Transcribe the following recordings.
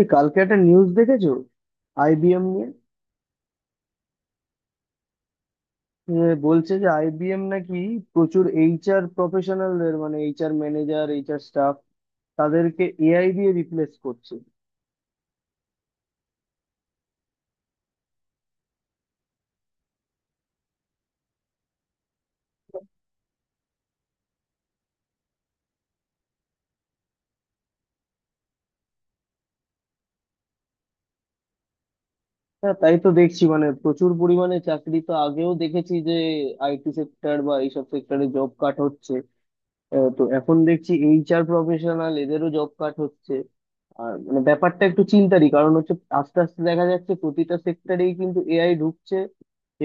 এই কালকে একটা নিউজ দেখেছো, আইবিএম নিয়ে? যে বলছে যে আইবিএম নাকি প্রচুর এইচআর প্রফেশনালদের, মানে এইচআর ম্যানেজার, এইচআর স্টাফ, তাদেরকে এআই দিয়ে রিপ্লেস করছে। হ্যাঁ, তাই তো দেখছি, মানে প্রচুর পরিমাণে চাকরি তো আগেও দেখেছি যে আইটি সেক্টর বা এইসব সেক্টরে জব কাট হচ্ছে। তো এখন দেখছি এইচআর প্রফেশনাল এদেরও জব কাট হচ্ছে। আর মানে ব্যাপারটা একটু চিন্তারই কারণ হচ্ছে। আস্তে আস্তে দেখা যাচ্ছে প্রতিটা সেক্টরেই কিন্তু এআই ঢুকছে,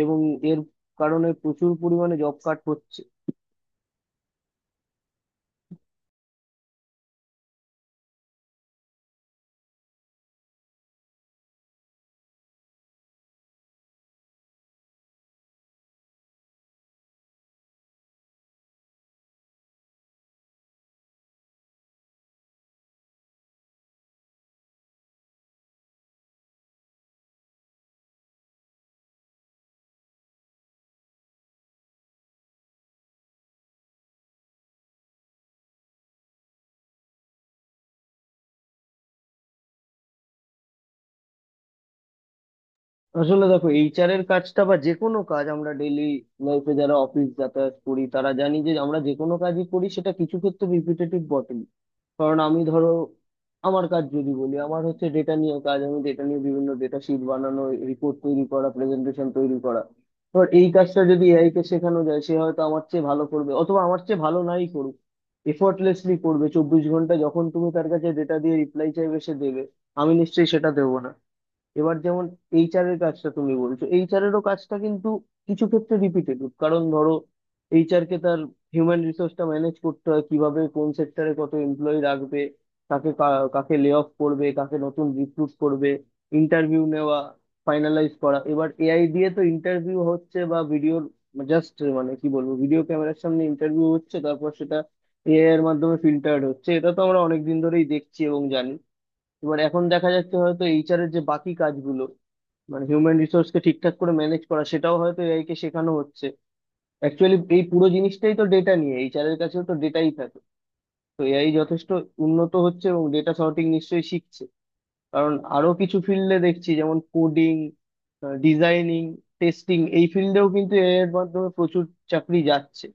এবং এর কারণে প্রচুর পরিমাণে জব কাট হচ্ছে। আসলে দেখো, এইচআর এর কাজটা বা যে কোনো কাজ, আমরা ডেইলি লাইফে যারা অফিস যাতায়াত করি তারা জানি যে আমরা যে কোনো কাজই করি সেটা কিছু ক্ষেত্রে রিপিটেটিভ বটেই। কারণ আমি ধরো, আমার কাজ যদি বলি, আমার হচ্ছে ডেটা নিয়ে কাজ, আমি ডেটা নিয়ে বিভিন্ন ডেটা শিট বানানো, রিপোর্ট তৈরি করা, প্রেজেন্টেশন তৈরি করা। এবার এই কাজটা যদি এআই কে শেখানো যায়, সে হয়তো আমার চেয়ে ভালো করবে, অথবা আমার চেয়ে ভালো নাই করুক, এফোর্টলেসলি করবে। 24 ঘন্টা যখন তুমি তার কাছে ডেটা দিয়ে রিপ্লাই চাইবে সে দেবে, আমি নিশ্চয়ই সেটা দেবো না। এবার যেমন এইচআর এর কাজটা তুমি বলছো, এইচআর এরও কাজটা কিন্তু কিছু ক্ষেত্রে রিপিটেটিভ। কারণ ধরো, এইচআর কে তার হিউম্যান রিসোর্সটা ম্যানেজ করতে হয়, কিভাবে কোন সেক্টরে কত এমপ্লয়ি রাখবে, কাকে লে অফ করবে, কাকে নতুন রিক্রুট করবে, ইন্টারভিউ নেওয়া, ফাইনালাইজ করা। এবার এআই দিয়ে তো ইন্টারভিউ হচ্ছে, বা ভিডিওর, জাস্ট মানে কি বলবো, ভিডিও ক্যামেরার সামনে ইন্টারভিউ হচ্ছে, তারপর সেটা এআই এর মাধ্যমে ফিল্টার্ড হচ্ছে। এটা তো আমরা অনেক দিন ধরেই দেখছি এবং জানি। এবার এখন দেখা যাচ্ছে হয়তো এইচআর এর যে বাকি কাজগুলো, মানে হিউম্যান রিসোর্স কে ঠিকঠাক করে ম্যানেজ করা, সেটাও হয়তো এআই কে শেখানো হচ্ছে। অ্যাকচুয়ালি এই পুরো জিনিসটাই তো ডেটা নিয়ে, এইচআর এর কাছেও তো ডেটাই থাকে। তো এআই যথেষ্ট উন্নত হচ্ছে এবং ডেটা সর্টিং নিশ্চয়ই শিখছে। কারণ আরো কিছু ফিল্ডে দেখছি, যেমন কোডিং, ডিজাইনিং, টেস্টিং, এই ফিল্ডেও কিন্তু এআই এর মাধ্যমে প্রচুর চাকরি যাচ্ছে।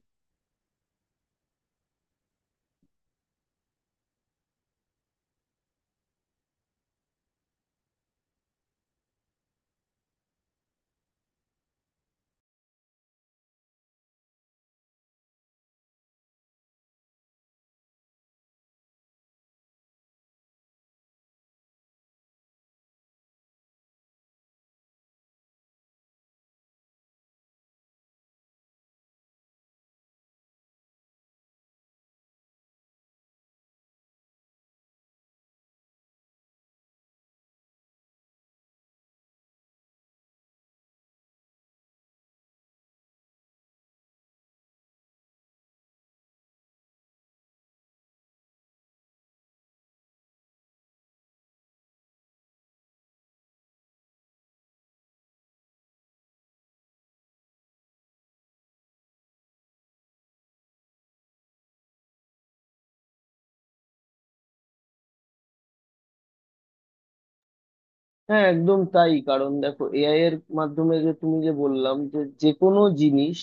হ্যাঁ, একদম তাই। কারণ দেখো, এআই এর মাধ্যমে যে তুমি, যে বললাম যে যে কোনো জিনিস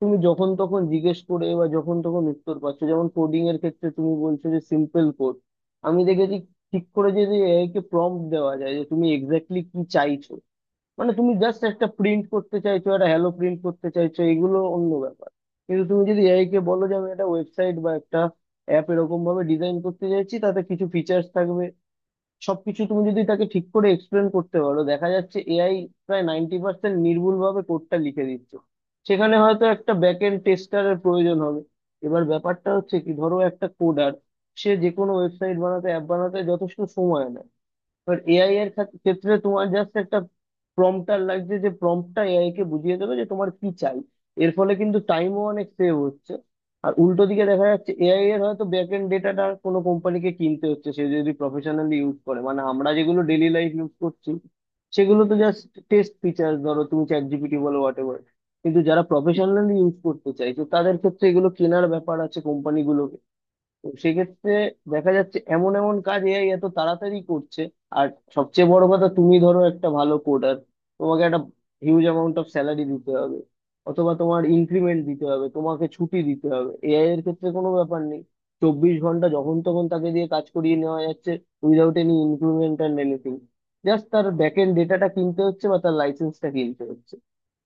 তুমি যখন তখন জিজ্ঞেস করে বা যখন তখন উত্তর পাচ্ছ, যেমন কোডিং এর ক্ষেত্রে তুমি বলছো যে সিম্পল কোড আমি দেখেছি, ঠিক করে যদি এআই কে প্রম্পট দেওয়া যায় যে তুমি এক্স্যাক্টলি কি চাইছো। মানে তুমি জাস্ট একটা প্রিন্ট করতে চাইছো, একটা হ্যালো প্রিন্ট করতে চাইছো, এগুলো অন্য ব্যাপার। কিন্তু তুমি যদি এআই কে বলো যে আমি একটা ওয়েবসাইট বা একটা অ্যাপ এরকম ভাবে ডিজাইন করতে চাইছি, তাতে কিছু ফিচার্স থাকবে, সবকিছু তুমি যদি তাকে ঠিক করে এক্সপ্লেন করতে পারো, দেখা যাচ্ছে এআই প্রায় 90% নির্ভুল ভাবে কোডটা লিখে দিচ্ছে। সেখানে হয়তো একটা ব্যাক এন্ড টেস্টারের প্রয়োজন হবে। এবার ব্যাপারটা হচ্ছে কি, ধরো একটা কোডার সে যে কোনো ওয়েবসাইট বানাতে, অ্যাপ বানাতে যথেষ্ট সময় নেয়। এবার এআই এর ক্ষেত্রে তোমার জাস্ট একটা প্রম্পটার লাগছে, যে প্রম্পটটা এআই কে বুঝিয়ে দেবে যে তোমার কি চাই। এর ফলে কিন্তু টাইমও অনেক সেভ হচ্ছে। আর উল্টো দিকে দেখা যাচ্ছে এআই এর হয়তো ব্যাক এন্ড ডেটাটা কোনো কোম্পানিকে কিনতে হচ্ছে, সে যদি প্রফেশনালি ইউজ করে। মানে আমরা যেগুলো ডেইলি লাইফ ইউজ করছি সেগুলো তো জাস্ট টেস্ট ফিচার, ধরো তুমি চ্যাট জিপিটি বলো, হোয়াট এভার। কিন্তু যারা প্রফেশনালি ইউজ করতে চাইছে তাদের ক্ষেত্রে এগুলো কেনার ব্যাপার আছে কোম্পানিগুলো। তো সেক্ষেত্রে দেখা যাচ্ছে এমন এমন কাজ এআই এত তাড়াতাড়ি করছে। আর সবচেয়ে বড় কথা, তুমি ধরো একটা ভালো কোডার, তোমাকে একটা হিউজ অ্যামাউন্ট অফ স্যালারি দিতে হবে, অথবা তোমার ইনক্রিমেন্ট দিতে হবে, তোমাকে ছুটি দিতে হবে। এআই এর ক্ষেত্রে কোনো ব্যাপার নেই, 24 ঘন্টা যখন তখন তাকে দিয়ে কাজ করিয়ে নেওয়া যাচ্ছে, without any increment and anything. Just তার ব্যাক এন্ড ডেটাটা কিনতে হচ্ছে বা তার লাইসেন্সটা কিনতে হচ্ছে।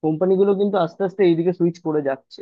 কোম্পানিগুলো কিন্তু আস্তে আস্তে এইদিকে সুইচ করে যাচ্ছে।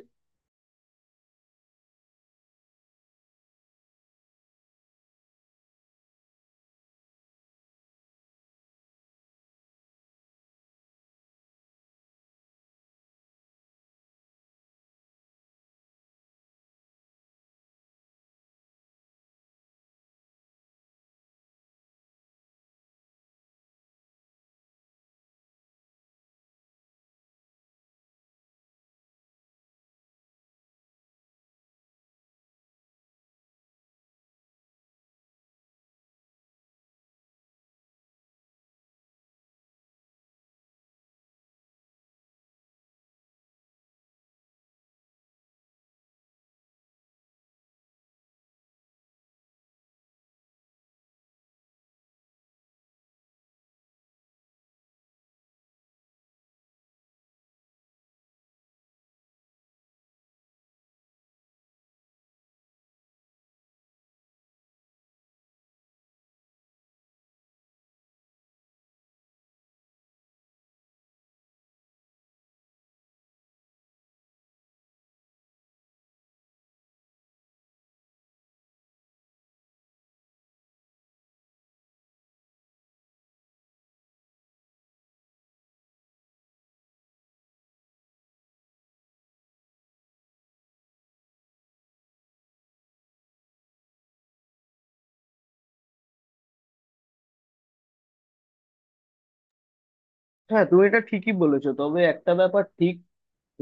হ্যাঁ, তুমি এটা ঠিকই বলেছো, তবে একটা ব্যাপার ঠিক,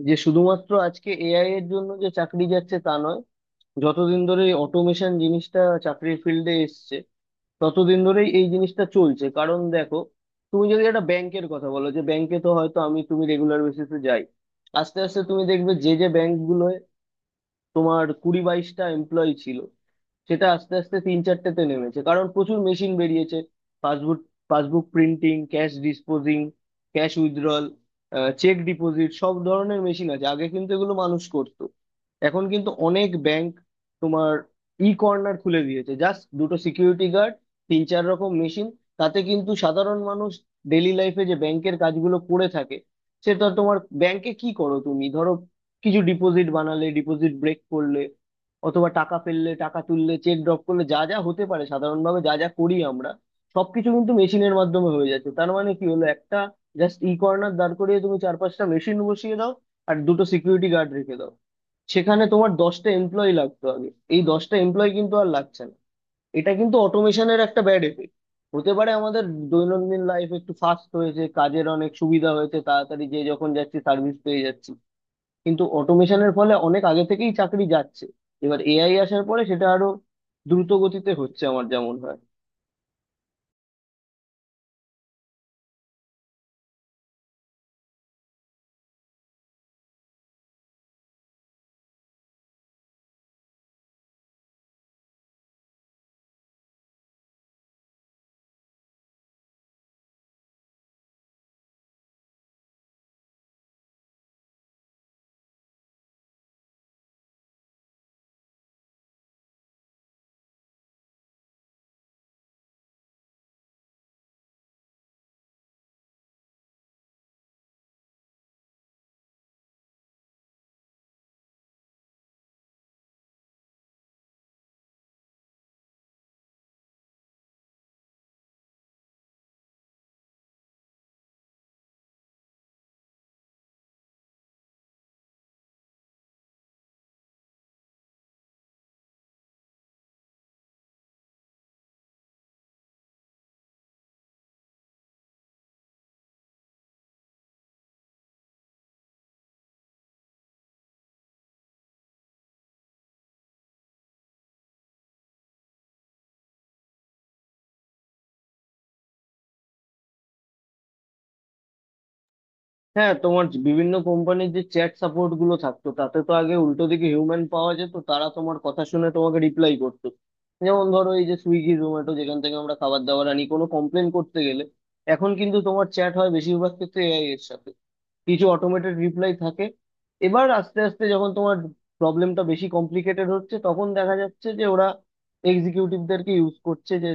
যে শুধুমাত্র আজকে এআই এর জন্য যে চাকরি যাচ্ছে তা নয়, যতদিন ধরে এই অটোমেশন জিনিসটা চাকরির ফিল্ডে এসছে ততদিন ধরেই এই জিনিসটা চলছে। কারণ দেখো, তুমি যদি একটা ব্যাংকের কথা বলো, যে ব্যাংকে তো হয়তো আমি তুমি রেগুলার বেসিসে যাই, আস্তে আস্তে তুমি দেখবে যে যে ব্যাংকগুলোয় তোমার 20-22টা এমপ্লয়ি ছিল, সেটা আস্তে আস্তে 3-4টেতে নেমেছে, কারণ প্রচুর মেশিন বেরিয়েছে। Passbook passbook printing, cash disposing, cash withdrawal, cheque deposit, সব ধরনের মেশিন আছে। আগে কিন্তু এগুলো মানুষ করতো, এখন কিন্তু অনেক ব্যাংক তোমার ই কর্নার খুলে দিয়েছে, জাস্ট দুটো সিকিউরিটি গার্ড, 3-4 রকম মেশিন। তাতে কিন্তু সাধারণ মানুষ ডেইলি লাইফে যে ব্যাংকের কাজগুলো করে থাকে, সেটা তোমার, ব্যাংকে কি করো তুমি ধরো, কিছু ডিপোজিট বানালে, ডিপোজিট ব্রেক করলে, অথবা টাকা ফেললে, টাকা তুললে, চেক ড্রপ করলে, যা যা হতে পারে সাধারণভাবে যা যা করি আমরা, সবকিছু কিন্তু মেশিনের মাধ্যমে হয়ে যাচ্ছে। তার মানে কি হলো, একটা জাস্ট ই কর্নার দাঁড় করিয়ে তুমি 4-5টা মেশিন বসিয়ে দাও আর দুটো সিকিউরিটি গার্ড রেখে দাও। সেখানে তোমার 10টা এমপ্লয়ি লাগতো আগে, এই 10টা এমপ্লয়ি কিন্তু আর লাগছে না। এটা কিন্তু অটোমেশনের একটা ব্যাড এফেক্ট। হতে পারে আমাদের দৈনন্দিন লাইফ একটু ফাস্ট হয়েছে, কাজের অনেক সুবিধা হয়েছে, তাড়াতাড়ি যে যখন যাচ্ছি সার্ভিস পেয়ে যাচ্ছি, কিন্তু অটোমেশনের ফলে অনেক আগে থেকেই চাকরি যাচ্ছে। এবার এআই আসার পরে সেটা আরো দ্রুত গতিতে হচ্ছে, আমার যেমন হয়। হ্যাঁ, তোমার বিভিন্ন কোম্পানির যে চ্যাট সাপোর্ট গুলো থাকতো, তাতে তো আগে উল্টো দিকে হিউম্যান পাওয়া যেত, তারা তোমার কথা শুনে তোমাকে রিপ্লাই করতো। যেমন ধরো এই যে সুইগি, জোম্যাটো, যেখান থেকে আমরা খাবার দাবার আনি, কোনো কমপ্লেন করতে গেলে এখন কিন্তু তোমার চ্যাট হয় বেশিরভাগ ক্ষেত্রে এআই এর সাথে, কিছু অটোমেটেড রিপ্লাই থাকে। এবার আস্তে আস্তে যখন তোমার প্রবলেমটা বেশি কমপ্লিকেটেড হচ্ছে, তখন দেখা যাচ্ছে যে ওরা এক্সিকিউটিভদেরকে ইউজ করছে, যে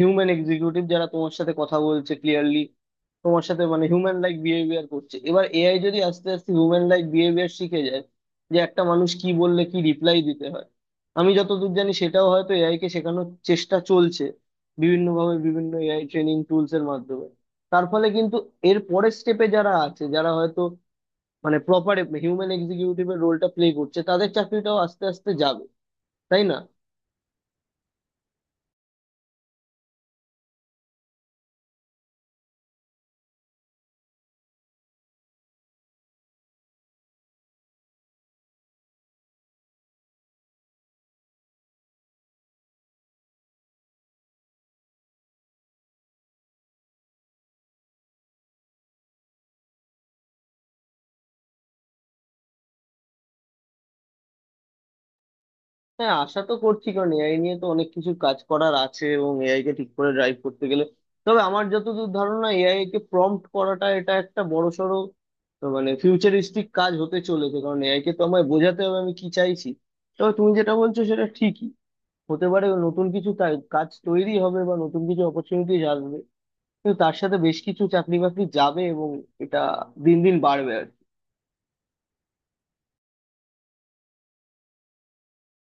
হিউম্যান এক্সিকিউটিভ যারা তোমার সাথে কথা বলছে ক্লিয়ারলি, তোমার সাথে মানে হিউম্যান লাইক বিহেভিয়ার করছে। এবার এআই যদি আস্তে আস্তে হিউম্যান লাইক বিহেভিয়ার শিখে যায়, যে একটা মানুষ কি বললে কি রিপ্লাই দিতে হয়, আমি যতদূর জানি সেটাও হয়তো এআই কে শেখানোর চেষ্টা চলছে বিভিন্নভাবে, বিভিন্ন এআই ট্রেনিং টুলস এর মাধ্যমে। তার ফলে কিন্তু এর পরের স্টেপে যারা আছে, যারা হয়তো মানে প্রপার হিউম্যান এক্সিকিউটিভ এর রোলটা প্লে করছে, তাদের চাকরিটাও আস্তে আস্তে যাবে, তাই না? হ্যাঁ, আশা তো করছি, কারণ এআই নিয়ে তো অনেক কিছু কাজ করার আছে, এবং এআই কে ঠিক করে ড্রাইভ করতে গেলে, তবে আমার যতদূর ধারণা এআই কে প্রম্পট করাটা এটা একটা বড়সড়, তো মানে ফিউচারিস্টিক কাজ হতে চলেছে, কারণ এআই কে তো আমায় বোঝাতে হবে আমি কি চাইছি। তবে তুমি যেটা বলছো সেটা ঠিকই, হতে পারে নতুন কিছু তাই কাজ তৈরি হবে বা নতুন কিছু অপরচুনিটি আসবে, কিন্তু তার সাথে বেশ কিছু চাকরি বাকরি যাবে, এবং এটা দিন দিন বাড়বে।